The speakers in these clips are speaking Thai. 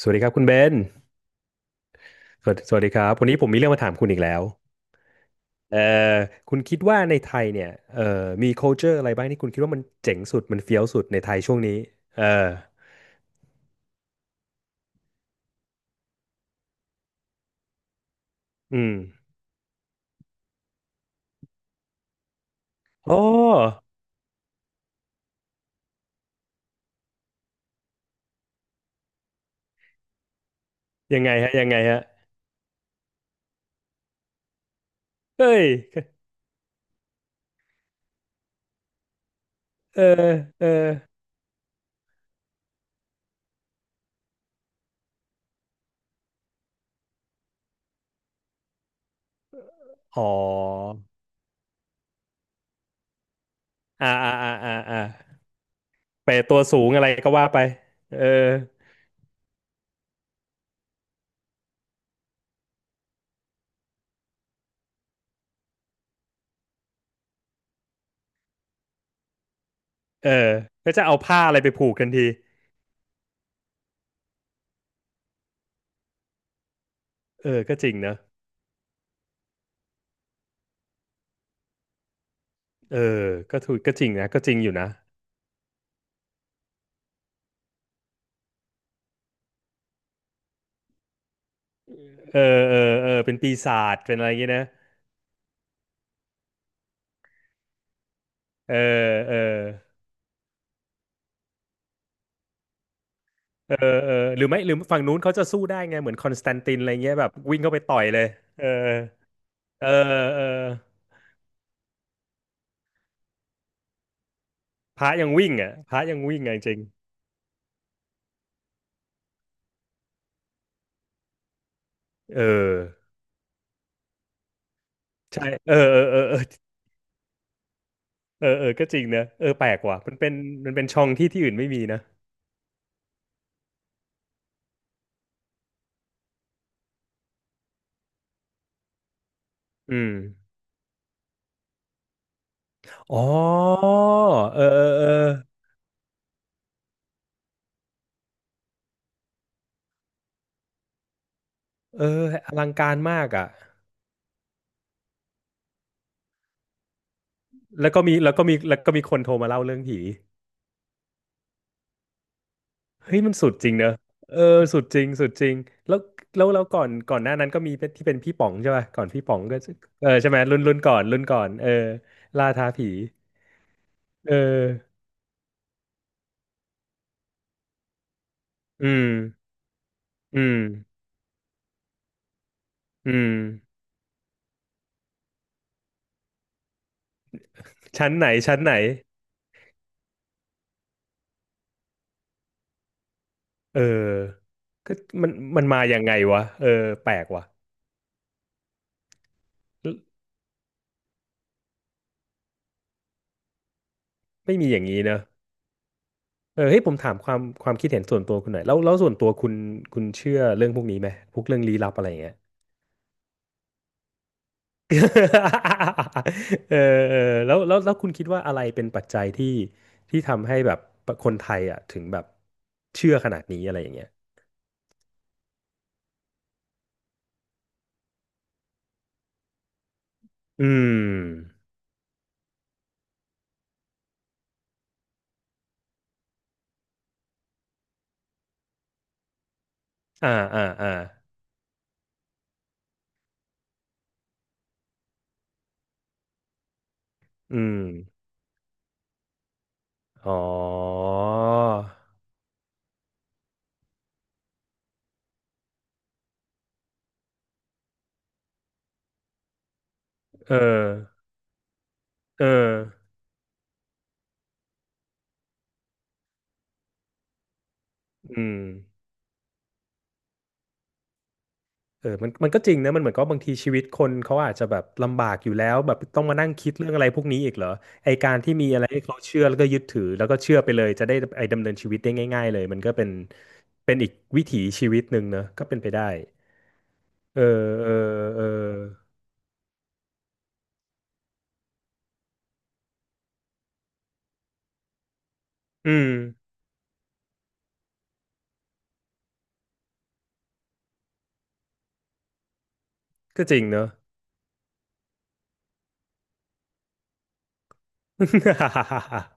สวัสดีครับคุณเบนสวัสดีครับวันนี้ผมมีเรื่องมาถามคุณอีกแล้วเอ่อคุณคิดว่าในไทยเนี่ยเอ่อมี culture อะไรบ้างที่คุณคิดว่ามันเจ๋งสุดมันเฟี้ยวสุดในไทยช่วงนี้เอออืมอ๋อยังไงฮะยังไงฮะเฮ้ยเออเอออ๋ออ่าอ่าอ่าอ่าอ่าไปตัวสูงอะไรก็ว่าไปเออเออก็จะเอาผ้าอะไรไปผูกทันทีเออ ก็จริงเนอะเออก็ถูกก็จริงนะก็จริงอยู่นะเออเออเออเป็นปีศาจเป็นอะไรอย่างงี้นะ เออเออเออเออหรือไม่หรือฝั่งนู้นเขาจะสู้ได้ไงเหมือนคอนสแตนตินอะไรเงี้ยแบบวิ่งเข้าไปต่อยเลยเออเออเออพระยังวิ่งอ่ะพระยังวิ่งอะจริงเออใช่เออเออเออเออเออเออก็จริงนะเออแปลกว่ะมันเป็นมันเป็นช่องที่ที่อื่นไม่มีนะอืมอ๋อเออเออเออเอออลังการมากอ่ะแล้วก็มีแล้วก็มีแล้วก็มีคนโทรมาเล่าเรื่องผี เฮ้ยมันสุดจริงเนอะเออสุดจริงสุดจริงแล้วแล้วแล้วก่อนก่อนหน้านั้นก็มีเป็นที่เป็นพี่ป๋องใช่ป่ะก่อนพี่ป๋องก็เออใช่ไหมรุ่นรุ่นก่อนรุ่นก่อนเออล่าท้าผีเอออืมอืมอืมชั้นไหนชั้นไหนเออก็มันมันมายังไงวะเออแปลกว่ะไม่มีอย่างนี้เนอะเออเฮ้ยผมถามความความคิดเห็นส่วนตัวคุณหน่อยแล้วแล้วส่วนตัวคุณคุณเชื่อเรื่องพวกนี้ไหมพวกเรื่องลี้ลับอะไรอย่างเงี้ย เออเออแล้วแล้วแล้วคุณคิดว่าอะไรเป็นปัจจัยที่ที่ทำให้แบบคนไทยอ่ะถึงแบบเชื่อขนาดนี้อะไรอย่างเงี้ยอืมอ่าอ่าอ่าอืมอ๋อเออเอออืม เออมันมันก็จริงนะมันเหมือนกับบางทีชีวิตคนเขาอาจจะแบบลำบากอยู่แล้วแบบต้องมานั่งคิดเรื่องอะไรพวกนี้อีกเหรอไอการที่มีอะไรให้เขาเชื่อแล้วก็ยึดถือแล้วก็เชื่อไปเลยจะได้ไอดำเนินชีวิตได้ง่ายๆเลยมันก็เป็นเป็นอีกวิถีชีวิตหนึ่งเนอะก็เป็นไปได้เออเออเอออืมก็จริงเนอะ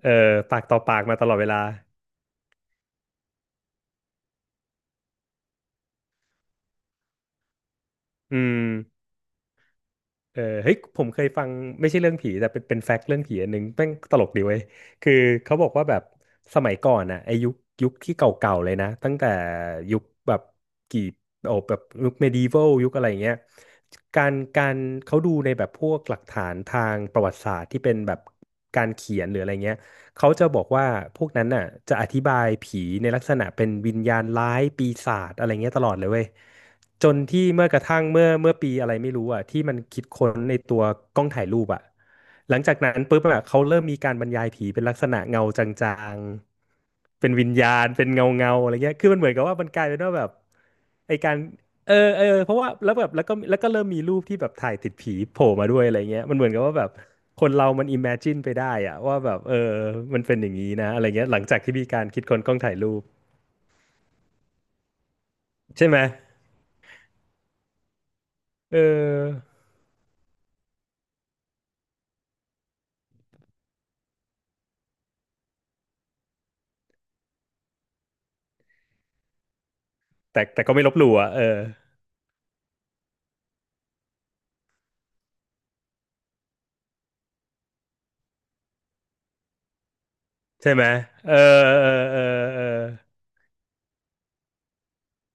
เออปากต่อปากมาตลอดเวลาอืม เออเฮ้ยผมเคยฟังไม่ใช่เรื่องผีแต่เป็นเป็นแฟกต์เรื่องผีอันหนึ่งแม่งตลกดีเว้ยคือเขาบอกว่าแบบสมัยก่อนอ่ะไอยุคยุคที่เก่าๆเลยนะตั้งแต่ยุคแบบกี่โอ้แบบยุคเมดิวัลยุคอะไรอย่างเงี้ยการการเขาดูในแบบพวกหลักฐานทางประวัติศาสตร์ที่เป็นแบบการเขียนหรืออะไรเงี้ย เขาจะบอกว่าพวกนั้นน่ะจะอธิบายผีในลักษณะเป็นวิญญาณร้ายปีศาจอะไรเงี้ยตลอดเลยเว้ยจนที่เมื่อกระทั่งเมื่อเมื่อปีอะไรไม่รู้อ่ะที่มันคิดค้นในตัวกล้องถ่ายรูปอ่ะหลังจากนั้นปุ๊บอ่ะเขาเริ่มมีการบรรยายผีเป็นลักษณะเงาจางๆเป็นวิญญาณเป็นเงาเงาอะไรเงี้ยคือมันเหมือนกับว่ามันกลายเป็นว่าแบบไอการ เออเออเพราะว่าแล้วแบบแล้วก็แล้วก็เริ่มมีรูปที่แบบถ่ายติดผีโผล่มาด้วยอะไรเงี้ยมันเหมือนกับว่าแบบคนเรามัน imagine ไปได้อะว่าแบบเออมันเป็นอย่างนี้นะอะไรเงี้ยหลังจากที่มีการคิดค้นกล้องถ่ายรูปใช่ไหมเออแต่แต่ก็ไม่ลบหลู่อ่ะเออใช่ไหมเออเออเออเออ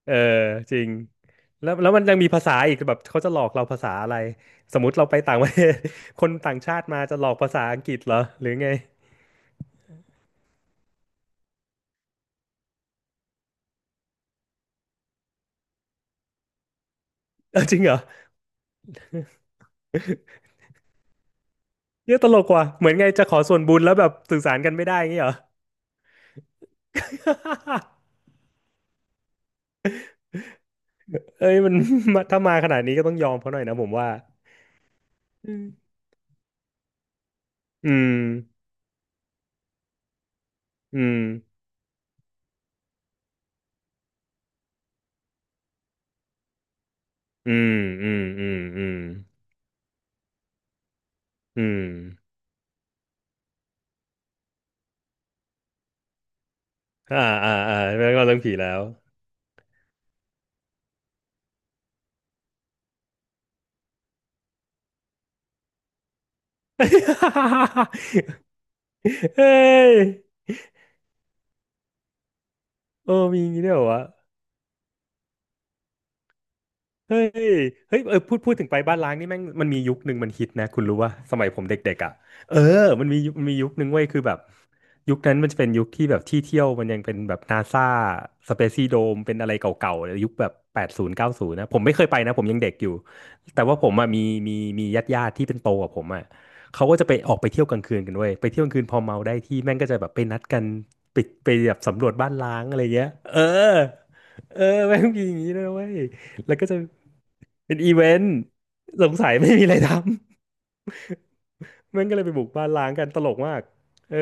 เออจริงแล้วแล้วมันยังมีภาษาอีกแบบเขาจะหลอกเราภาษาอะไรสมมติเราไปต่างประเทศ คนต่างชาติมาจะหลอกภาษาอังกฤษเหรอหรือไงเออจริงเหรอ เยอะตลกว่ะเหมือนไงจะขอส่วนบุญแล้วแบบสื่อสารกันไม่ได้อย่างงี้เหรอ เอ้ยมัน มาถ้ามาขนาดนี้ก็ต้องยอมเขาหน่อยนะผมว่าอืมอืมอืมอืมอืมอืมอืมอืมอ่าอ่าอ่าแล้วก็เรื่องผีแล้ว เฮ้ยโอ้มีอย่างงี้ด้วยเหรอวะ เฮ้ยเฮ้ยเออพูดพูดถึงไปบ้านล้างนี่แม่งมันมียุคหนึ่งมันฮิตนะคุณรู้ว่าสมัยผมเด็กๆอ่ะเออมันมียุคมันมียุคหนึ่งเว้ยคือแบบยุคนั้นมันจะเป็นยุคที่แบบที่เที่ยวมันยังเป็นแบบนาซาสเปซี่โดมเป็นอะไรเก่าๆยุคแบบแปดศูนย์เก้าศูนย์นะผมไม่เคยไปนะผมยังเด็กอยู่แต่ว่าผมอ่ะมีมีมีญาติญาติที่เป็นโตกว่าผมอ่ะเขาก็จะไปออกไปเที่ยวกลางคืนกันเว้ยไปเที่ยวกลางคืนพอเมาได้ที่แม่งก็จะแบบไปนัดกันไปไปแบบสำรวจบ้านล้างอะไรเงี้ยเออเออ แม่งมีอย่างนี้ด้วยนะเว้ยแล้วก็จะ เป็นอีเวนต์สงสัยไม่มีอะไรทำ มันก็เลยไปบุกบ้านล้างกันตลกมากเออ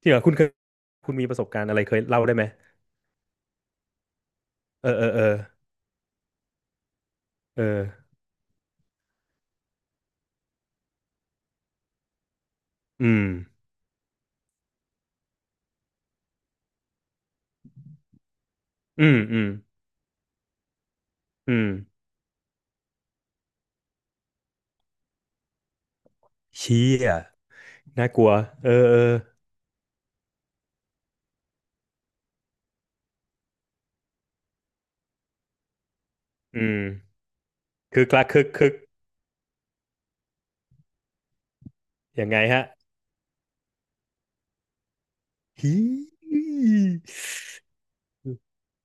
ที่เหรอคุณเคยคุณมีประสบการณ์อะไรเคยเล่าได้ไหมเออเออเออเอออืมอืมอืมอืมเชี่ยน่ากลัวเออเอออืมคือคลักคึกคึกยังไงฮะฮี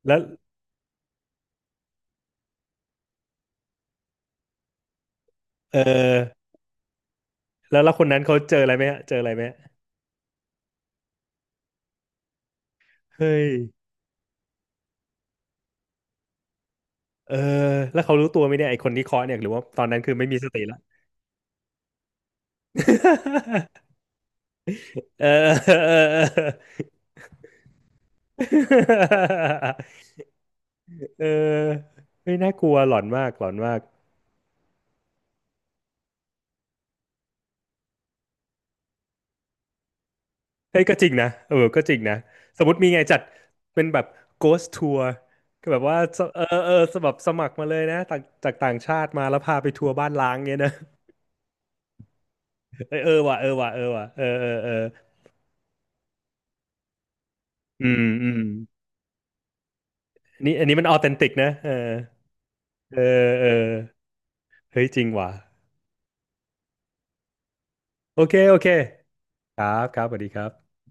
แล้วเออแล้วแล้วคนนั้นเขาเจออะไรไหมฮะเจออะไรไหมฮะเฮ้ยเออแล้วเขารู้ตัวไหมเนี่ยไอคนที่เคาะเนี่ยหรือว่าตอนนั้นคือไม่มีสติละ เออ เออเออเออเออเฮ้ยน่ากลัวหลอนมากหลอนมากเฮ้ยก็จริงนะเออก็จริงนะสมมติมีไงจัดเป็นแบบ ghost tour ก็แบบว่าสเออเออสมัครสมัครมาเลยนะต่างจากต่างชาติมาแล้วพาไปทัวร์บ้านล้างเงี้ยนะเออเออว่ะเออว่ะเออว่ะเออเออเอออืมอืมนี่อันนี้มันออเทนติกนะเออเออเออเฮ้ยจริงว่ะโอเคโอเคครับครับสวัสดีครับ